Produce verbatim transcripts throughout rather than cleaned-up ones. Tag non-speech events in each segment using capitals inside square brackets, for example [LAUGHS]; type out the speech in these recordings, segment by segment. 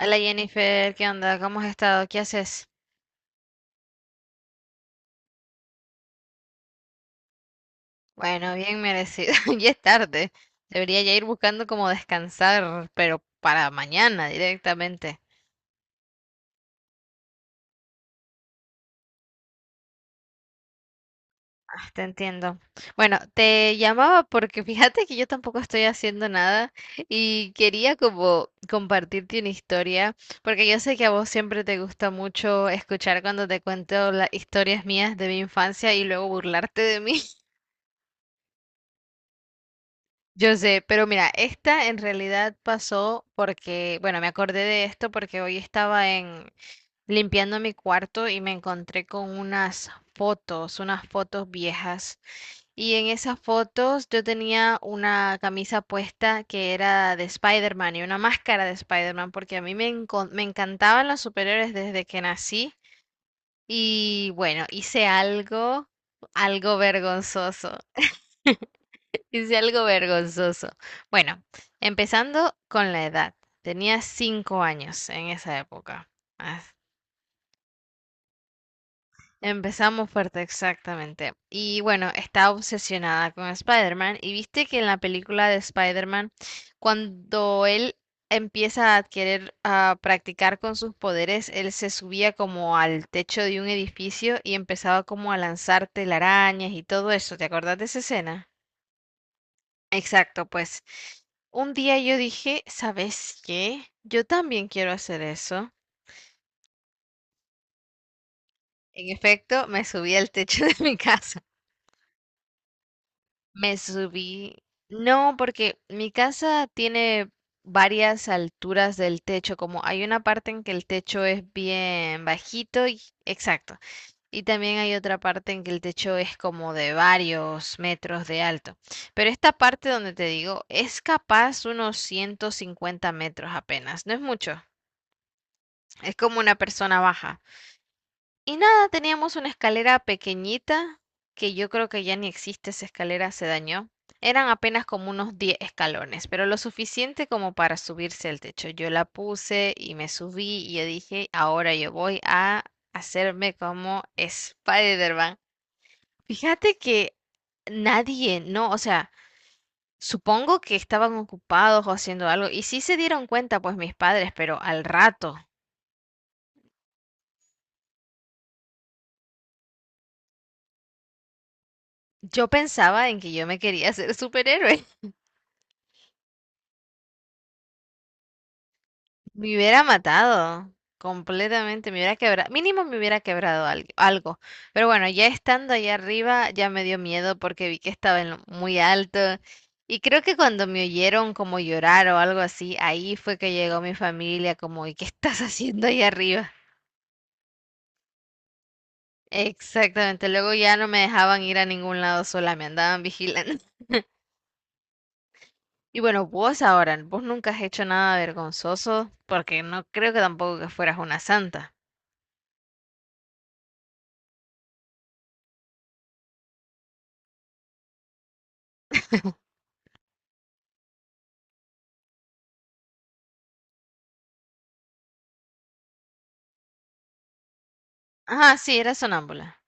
Hola Jennifer, ¿qué onda? ¿Cómo has estado? ¿Qué haces? Bueno, bien merecido. [LAUGHS] Ya es tarde. Debería ya ir buscando cómo descansar, pero para mañana directamente. Ah, te entiendo. Bueno, te llamaba porque [LAUGHS] fíjate que yo tampoco estoy haciendo nada y quería como compartirte una historia, porque yo sé que a vos siempre te gusta mucho escuchar cuando te cuento las historias mías de mi infancia y luego burlarte de mí. Yo sé, pero mira, esta en realidad pasó porque, bueno, me acordé de esto porque hoy estaba en limpiando mi cuarto y me encontré con unas fotos, unas fotos viejas. Y en esas fotos yo tenía una camisa puesta que era de Spider-Man y una máscara de Spider-Man porque a mí me, encon- me encantaban los superhéroes desde que nací. Y bueno, hice algo, algo vergonzoso. Hice algo vergonzoso. Bueno, empezando con la edad. Tenía cinco años en esa época. Ah, empezamos fuerte, exactamente. Y bueno, estaba obsesionada con Spider-Man. Y viste que en la película de Spider-Man, cuando él empieza a adquirir, a practicar con sus poderes, él se subía como al techo de un edificio y empezaba como a lanzar telarañas y todo eso. ¿Te acordás de esa escena? Exacto, pues un día yo dije, ¿sabes qué? Yo también quiero hacer eso. En efecto, me subí al techo [LAUGHS] de mi casa. Me subí. No, porque mi casa tiene varias alturas del techo, como hay una parte en que el techo es bien bajito y exacto. Y también hay otra parte en que el techo es como de varios metros de alto. Pero esta parte donde te digo, es capaz unos ciento cincuenta metros apenas, no es mucho. Es como una persona baja. Y nada, teníamos una escalera pequeñita, que yo creo que ya ni existe esa escalera, se dañó. Eran apenas como unos diez escalones, pero lo suficiente como para subirse al techo. Yo la puse y me subí y yo dije, ahora yo voy a hacerme como Spider-Man. Fíjate que nadie, no, o sea, supongo que estaban ocupados o haciendo algo y sí se dieron cuenta pues mis padres, pero al rato, yo pensaba en que yo me quería ser superhéroe. [LAUGHS] Me hubiera matado completamente, me hubiera quebrado, mínimo me hubiera quebrado algo, algo. Pero bueno, ya estando allá arriba ya me dio miedo porque vi que estaba en lo muy alto. Y creo que cuando me oyeron como llorar o algo así, ahí fue que llegó mi familia como, ¿y qué estás [LAUGHS] haciendo allá arriba? Exactamente, luego ya no me dejaban ir a ningún lado sola, me andaban vigilando. Y bueno, vos ahora, vos nunca has hecho nada vergonzoso, porque no creo que tampoco que fueras una santa. Ah, sí, eras sonámbula.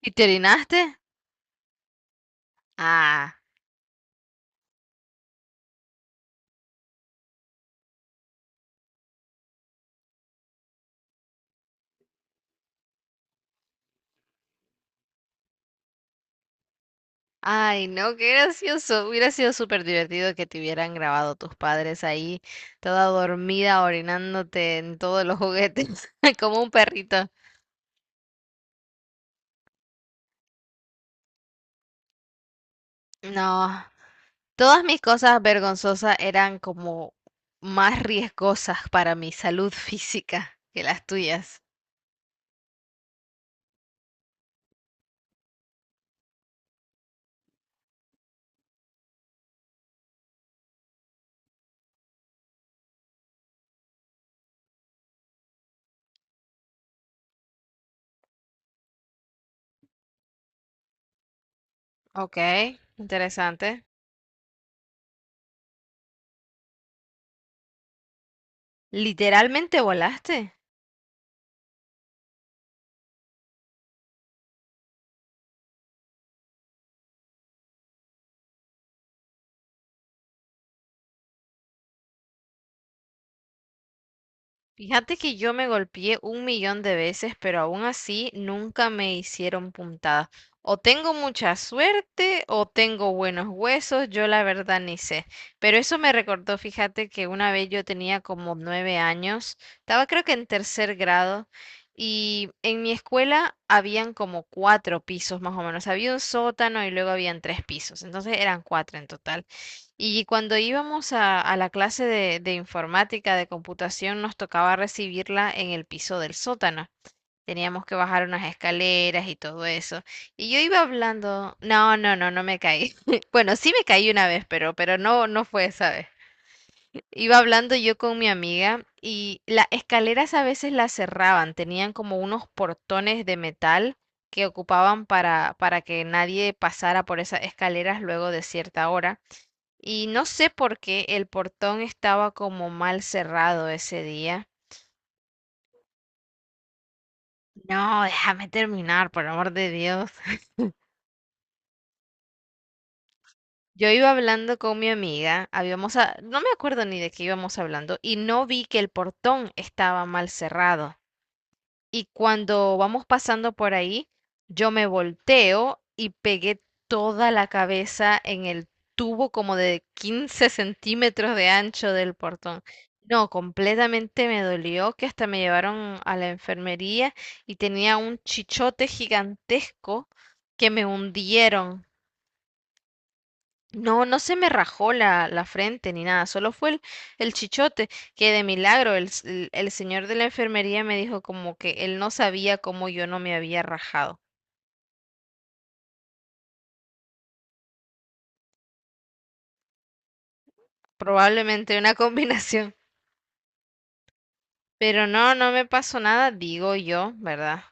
¿Y te orinaste? Ah, ay, no, qué gracioso. Hubiera sido súper divertido que te hubieran grabado tus padres ahí, toda dormida, orinándote en todos los juguetes, [LAUGHS] como un perrito. No, todas mis cosas vergonzosas eran como más riesgosas para mi salud física que las tuyas. Ok, interesante. Literalmente volaste. Fíjate que yo me golpeé un millón de veces, pero aún así nunca me hicieron puntadas. O tengo mucha suerte o tengo buenos huesos, yo la verdad ni sé. Pero eso me recordó, fíjate que una vez yo tenía como nueve años, estaba creo que en tercer grado, y en mi escuela habían como cuatro pisos más o menos. Había un sótano y luego habían tres pisos, entonces eran cuatro en total. Y cuando íbamos a, a la clase de, de informática, de computación, nos tocaba recibirla en el piso del sótano. Teníamos que bajar unas escaleras y todo eso. Y yo iba hablando, no, no, no, no me caí. [LAUGHS] Bueno, sí me caí una vez, pero, pero no, no fue esa vez. Iba hablando yo con mi amiga y las escaleras a veces las cerraban, tenían como unos portones de metal que ocupaban para, para que nadie pasara por esas escaleras luego de cierta hora. Y no sé por qué el portón estaba como mal cerrado ese día. No, déjame terminar, por amor de Dios. Yo iba hablando con mi amiga, habíamos, a- no me acuerdo ni de qué íbamos hablando, y no vi que el portón estaba mal cerrado. Y cuando vamos pasando por ahí, yo me volteo y pegué toda la cabeza en el tubo como de quince centímetros de ancho del portón. No, completamente me dolió que hasta me llevaron a la enfermería y tenía un chichote gigantesco que me hundieron. No, no se me rajó la, la frente ni nada, solo fue el, el chichote, que de milagro el, s- el- el señor de la enfermería me dijo como que él no sabía cómo yo no me había rajado. Probablemente una [LAUGHS] combinación. Pero no, no me pasó nada, digo yo, ¿verdad?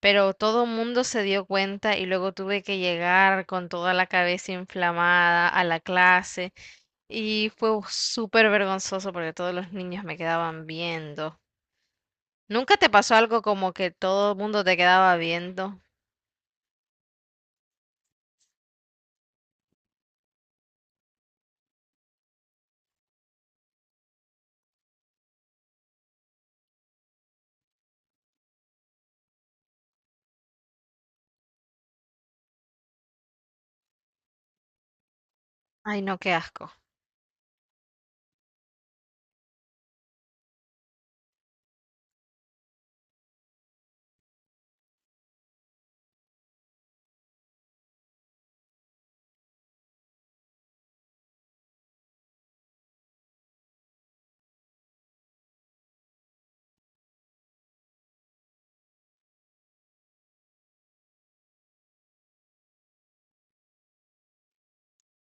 Pero todo el mundo se dio cuenta y luego tuve que llegar con toda la cabeza inflamada a la clase y fue súper vergonzoso porque todos los niños me quedaban viendo. ¿Nunca te pasó algo como que todo el mundo te quedaba viendo? Ay, no, qué asco.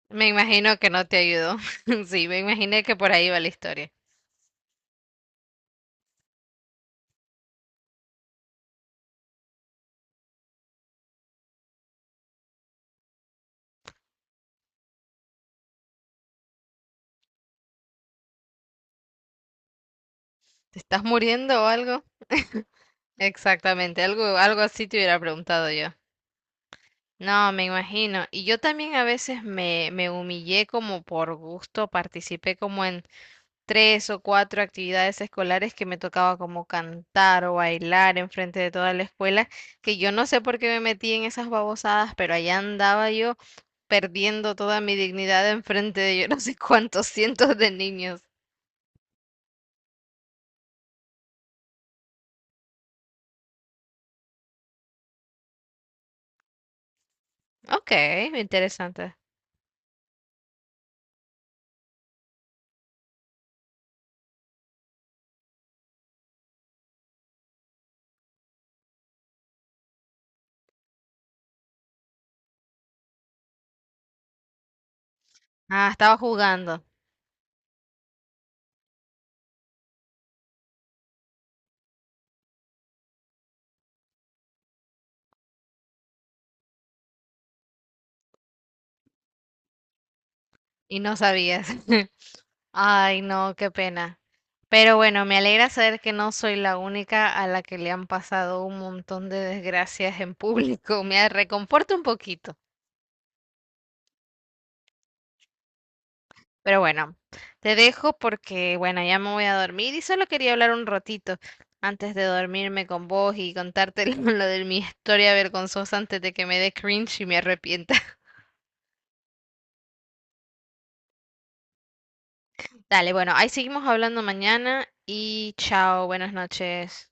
Me imagino que no te ayudó. [LAUGHS] Sí, me imaginé que por ahí va la historia. ¿Te estás muriendo o algo? Exactamente, algo, algo así te hubiera preguntado yo. No, me imagino. Y yo también a veces me, me humillé como por gusto, participé como en tres o cuatro actividades escolares que me tocaba como cantar o bailar enfrente de toda la escuela, que yo no sé por qué me metí en esas babosadas, pero allá andaba yo perdiendo toda mi dignidad enfrente de yo no sé cuántos cientos de niños. Ok, interesante. Ah, estaba jugando y no sabías. [LAUGHS] Ay, no, qué pena. Pero bueno, me alegra saber que no soy la única a la que le han pasado un montón de desgracias en público. [LAUGHS] Me reconforta un poquito. Pero bueno, te dejo porque, bueno, ya me voy a dormir y solo quería hablar un ratito antes de dormirme con vos y contarte [LAUGHS] lo de mi historia vergonzosa antes de que me dé cringe y me arrepienta. [LAUGHS] Dale, bueno, ahí seguimos hablando mañana y chao, buenas noches.